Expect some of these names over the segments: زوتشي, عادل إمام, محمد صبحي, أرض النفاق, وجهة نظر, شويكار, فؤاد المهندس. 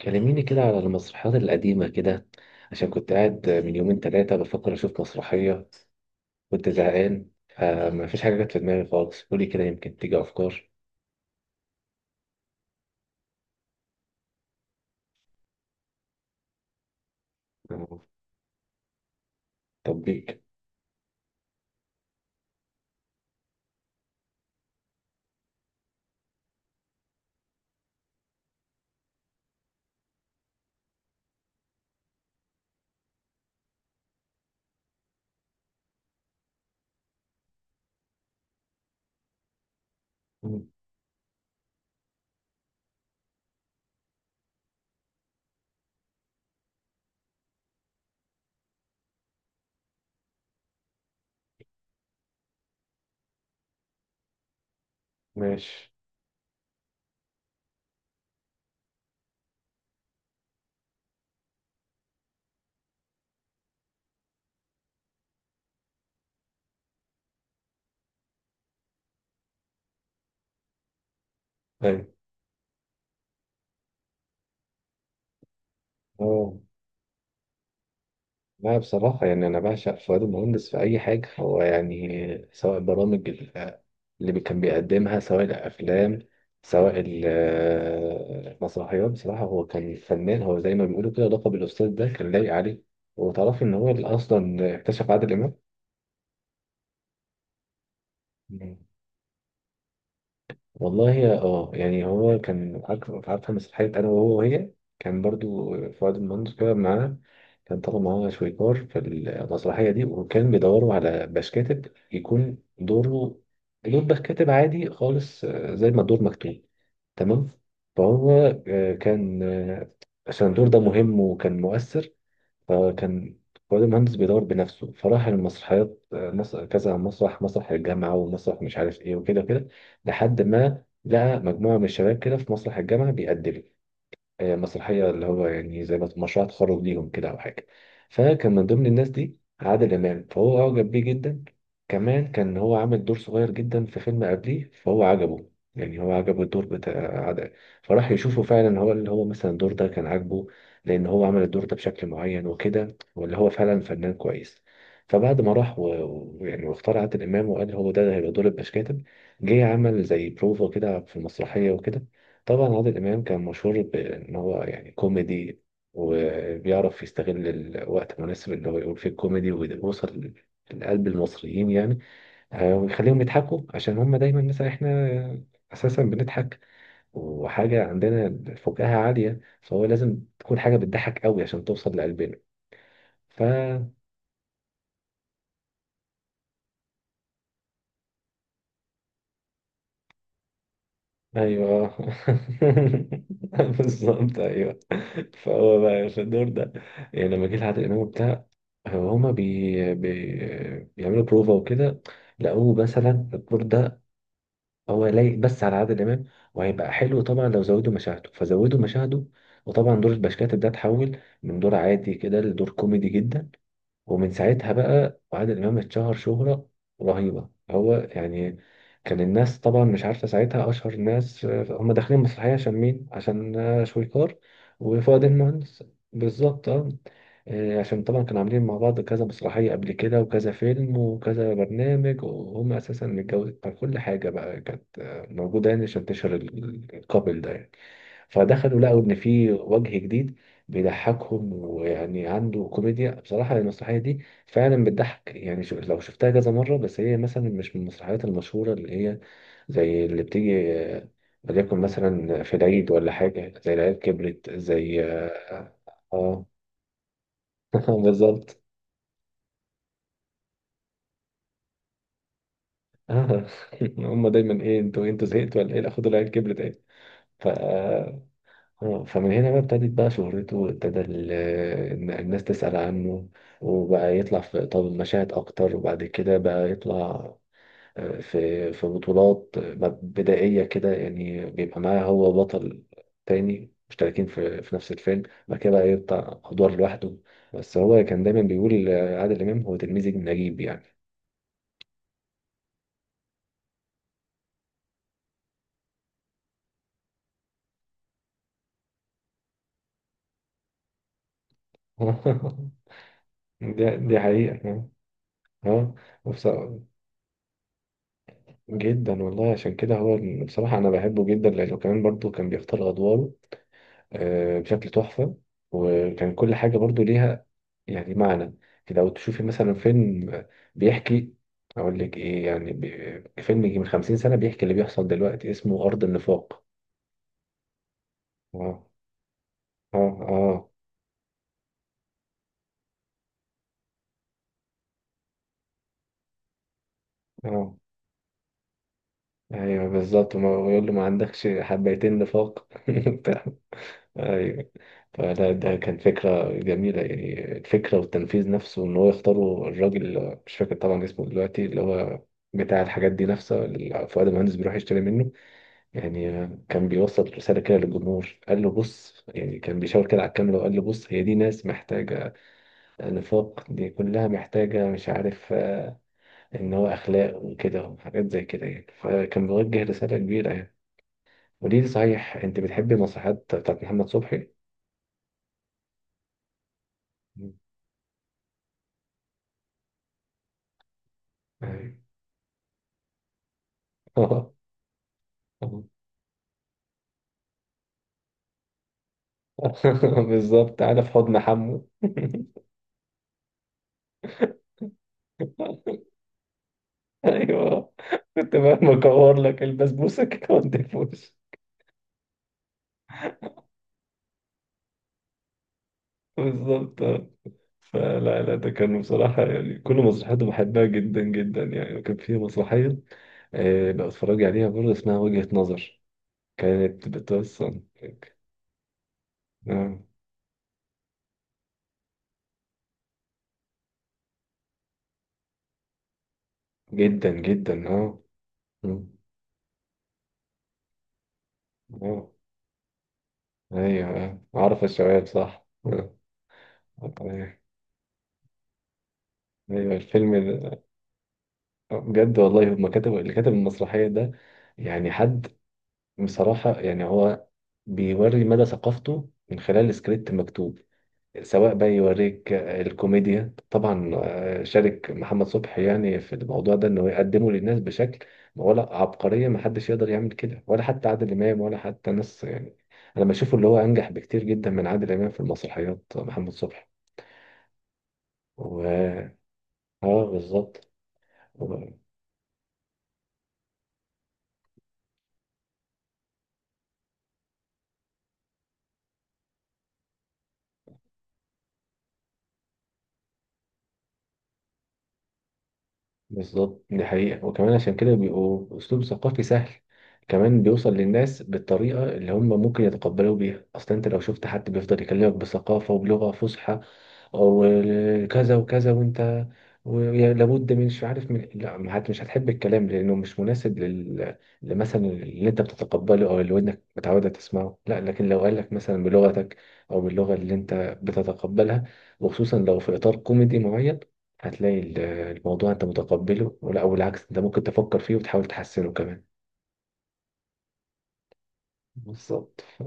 كلميني كده على المسرحيات القديمة كده، عشان كنت قاعد من يومين تلاتة بفكر أشوف مسرحية. كنت زهقان فما فيش حاجة جت في دماغي خالص، قولي كده يمكن تيجي أفكار. آه، تطبيق. مم، ماشي. طيب. أه. لا، بصراحة يعني أنا بعشق فؤاد المهندس في أي حاجة، هو يعني سواء برامج اللي كان بيقدمها، سواء الأفلام، سواء المسرحيات. بصراحة هو كان فنان، هو زي ما بيقولوا كده لقب الأستاذ ده كان لايق عليه. وتعرفي إن هو اللي أصلا اكتشف عادل إمام؟ والله يا اه، يعني هو كان عارفه مسرحيه انا وهو وهي، كان برضو فؤاد المهندس كده معانا، كان طالع معانا شويكار في المسرحيه دي، وكان بيدوروا على باش كاتب يكون دوره، دور باش كاتب عادي خالص، زي ما الدور مكتوب تمام. فهو آه، كان آه، عشان الدور ده مهم وكان مؤثر، فكان كل مهندس بيدور بنفسه، فراح المسرحيات، كذا مسرح، مسرح الجامعة ومسرح مش عارف ايه وكده كده، لحد ما لقى مجموعة من الشباب كده في مسرح الجامعة بيقدموا مسرحية، اللي هو يعني زي ما مشروع تخرج ليهم كده أو حاجة. فكان من ضمن الناس دي عادل إمام، فهو أعجب بيه جدا. كمان كان هو عامل دور صغير جدا في فيلم قبليه، فهو عجبه، يعني هو عجبه الدور بتاع عادل، فراح يشوفه. فعلا هو اللي هو مثلا الدور ده كان عاجبه، لأن هو عمل الدور ده بشكل معين وكده، واللي هو فعلا فنان كويس. فبعد ما راح يعني واختار عادل إمام، وقال هو ده هيبقى دور البشكاتب. جه عمل زي بروفا كده في المسرحية وكده. طبعا عادل إمام كان مشهور بإن هو يعني كوميدي، وبيعرف يستغل الوقت المناسب اللي هو يقول فيه الكوميدي، ويوصل لقلب المصريين يعني، ويخليهم يضحكوا، عشان هم دايما مثلا احنا أساسا بنضحك وحاجة عندنا فكاهة عالية، فهو لازم تكون حاجة بتضحك قوي عشان توصل لقلبنا. ف ايوه. بالظبط، ايوه. فهو بقى في الدور ده، يعني لما جه لعادل امام وبتاع، هو هما بيعملوا بروفا وكده، لقوه مثلا الدور ده هو لايق بس على عادل امام، وهيبقى حلو، طبعا لو زودوا مشاهده فزودوا مشاهده. وطبعا دور البشكاتب ده اتحول من دور عادي كده لدور كوميدي جدا، ومن ساعتها بقى وعادل إمام اتشهر شهرة رهيبة هو يعني. كان الناس طبعا مش عارفة ساعتها أشهر الناس، هم داخلين المسرحية عشان مين؟ عشان شويكار وفؤاد المهندس. بالظبط اه. عشان طبعا كانوا عاملين مع بعض كذا مسرحية قبل كده وكذا فيلم وكذا برنامج، وهم أساسا متجوزين، فكل حاجة بقى كانت موجودة، يعني عشان تشهر الكابل ده يعني. فدخلوا لقوا ان في وجه جديد بيضحكهم ويعني عنده كوميديا. بصراحه المسرحيه دي فعلا بتضحك، يعني شو لو شفتها كذا مره، بس هي مثلا مش من المسرحيات المشهوره، اللي هي زي اللي بتيجي وليكن مثلا في العيد ولا حاجه، زي العيال كبرت زي اه. آه، بالظبط. آه. هم دايما ايه، انتوا زهقتوا ولا ايه، لا خدوا العيال كبرت ايه. ف آه، آه، فمن هنا بقى ابتدت بقى شهرته، وابتدى إن الناس تسأل عنه، وبقى يطلع في طب مشاهد أكتر، وبعد كده بقى يطلع في بطولات بدائية كده، يعني بيبقى معاه هو بطل تاني، مشتركين في نفس الفيلم. بعد كده بقى يطلع أدوار لوحده. بس هو كان دايما بيقول عادل إمام هو تلميذ نجيب يعني. دي حقيقة اه. آه. وبص- جدا والله، عشان كده هو بصراحة أنا بحبه جدا، لأنه كمان برضه كان بيختار أدواره بشكل تحفة. وكان كل حاجة برضه ليها يعني معنى كده، لو تشوفي مثلا فيلم بيحكي، أقول لك إيه يعني، فيلم يجي من 50 سنة بيحكي اللي بيحصل دلوقتي، اسمه أرض النفاق. آه. آه. آه. آه. أيوه، بالظبط. ويقول له ما عندكش حبيتين نفاق. ايوه. فده ده كان فكرة جميلة، يعني الفكرة والتنفيذ نفسه، ان هو يختاروا الراجل مش فاكر طبعا اسمه دلوقتي اللي هو بتاع الحاجات دي نفسه، اللي فؤاد المهندس بيروح يشتري منه يعني، كان بيوصل رسالة كده للجمهور، قال له بص يعني، كان بيشاور كده على الكاميرا وقال له بص، هي دي ناس محتاجة نفاق، دي كلها محتاجة مش عارف ان هو اخلاق وكده وحاجات زي كده يعني، فكان بيوجه رسالة كبيرة يعني. ودي صحيح، انت بتحبي المسرحيات بتاعت محمد صبحي؟ مم. أيوة. آه. بالظبط، انا في حضن حمو. ايوه، كنت بقى بكور لك البسبوسه كده وانت في وشي. بالظبط آه. فلا لا، ده كانوا بصراحة يعني كل مسرحياته بحبها جدا جدا يعني. وكان في مسرحية بقى اتفرج عليها برضه اسمها وجهة نظر، كانت بتوصل آه، جدا جدا اه. مم. اه ايوه آه. عارف الشباب صح آه. آه. ايوه الفيلم. بجد والله، هما كتب اللي كتب المسرحية ده يعني حد بصراحة يعني، هو بيوري مدى ثقافته من خلال سكريبت مكتوب. سواء بقى يوريك الكوميديا طبعا، شارك محمد صبحي يعني في الموضوع ده انه يقدمه للناس بشكل. ولا عبقرية، ما حدش يقدر يعمل كده، ولا حتى عادل امام ولا حتى ناس يعني. انا بشوفه اللي هو انجح بكتير جدا من عادل امام في المسرحيات محمد صبحي. و اه، بالظبط. بالظبط، دي حقيقة. وكمان عشان كده بيبقوا أسلوب ثقافي سهل، كمان بيوصل للناس بالطريقة اللي هم ممكن يتقبلوا بيها أصلا. أنت لو شفت حد بيفضل يكلمك بثقافة وبلغة فصحى وكذا وكذا، وأنت لابد من مش عارف من لا ما مش هتحب الكلام، لأنه مش مناسب لل مثلا اللي أنت بتتقبله أو اللي ودنك متعودة تسمعه، لا. لكن لو قالك مثلا بلغتك أو باللغة اللي أنت بتتقبلها، وخصوصا لو في إطار كوميدي معين، هتلاقي الموضوع انت متقبله، ولا او بالعكس انت ممكن تفكر فيه وتحاول تحسنه كمان. بالظبط.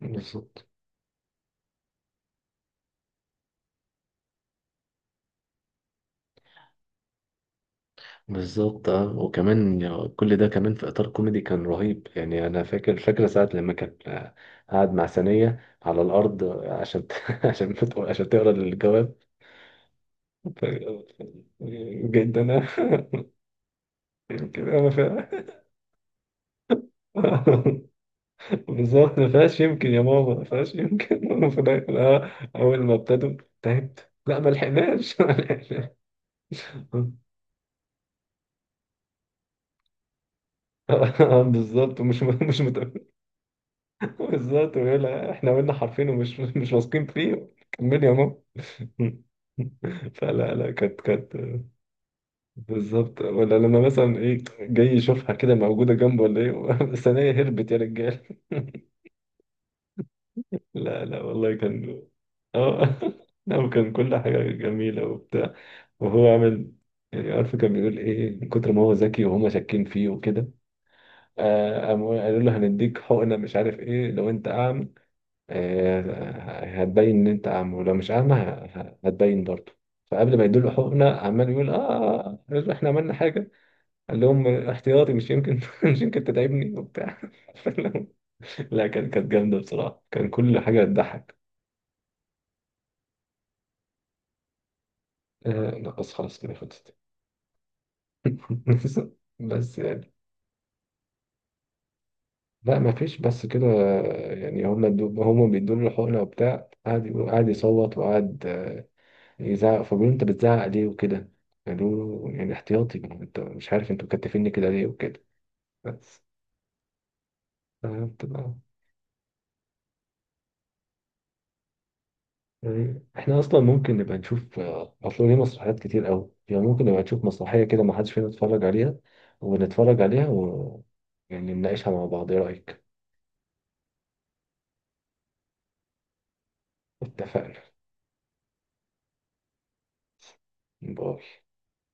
بالظبط. بالظبط اه، وكمان يعني كل ده كمان في اطار كوميدي كان رهيب، يعني انا فاكره ساعه لما كان قاعد مع ثانيه على الارض عشان عشان عشان تقرا الجواب. ف- جدا انا. يمكن انا فا. بالظبط، ما فيهاش يمكن يا ماما، ما فيهاش يمكن في الآخر، اول ما ابتدوا تعبت، لا ما لحقناش ما لحقناش. بالظبط، ومش مش مت... بالظبط، ويقول لها احنا قلنا حرفين ومش مش واثقين فيه، كمل يا ماما. فلا لا كانت. بالظبط، ولا لما مثلا ايه جاي يشوفها كده موجوده جنبه ولا ايه بس انا إيه، هربت يا رجال. لا لا والله كان. اه. لا، وكان كل حاجه جميله وبتاع، وهو عامل يعني عارف، كان بيقول ايه من كتر ما هو ذكي وهما شاكين فيه وكده، قاموا قالوا له هنديك حقنه مش عارف ايه، لو انت اعمى هتبين ان انت اعمى، ولو مش اعمى هتبين برضه. فقبل ما يدوا حقنه عمال يقول اه، احنا عملنا حاجه، قال لهم احتياطي مش يمكن مش يمكن تتعبني وبتاع. لا كانت جامده بصراحه، كان كل حاجه تضحك. لا بس خلاص كده خلصت. بس يعني. لا ما فيش بس كده. يعني هما هما بيدوا له الحقنه وبتاع، قعد قعد يصوت وقعد يزعق، فبيقول له انت بتزعق ليه وكده، قالوا له يعني احتياطي انت مش عارف انتوا مكتفيني كده ليه وكده، بس. فهمت بقى. يعني احنا اصلا ممكن نبقى نشوف اصل ليه مسرحيات كتير قوي، يعني ممكن نبقى نشوف مسرحية كده ما حدش فينا اتفرج عليها، ونتفرج عليها و يعني نناقشها مع بعض، ايه رأيك. اتفقنا. باي.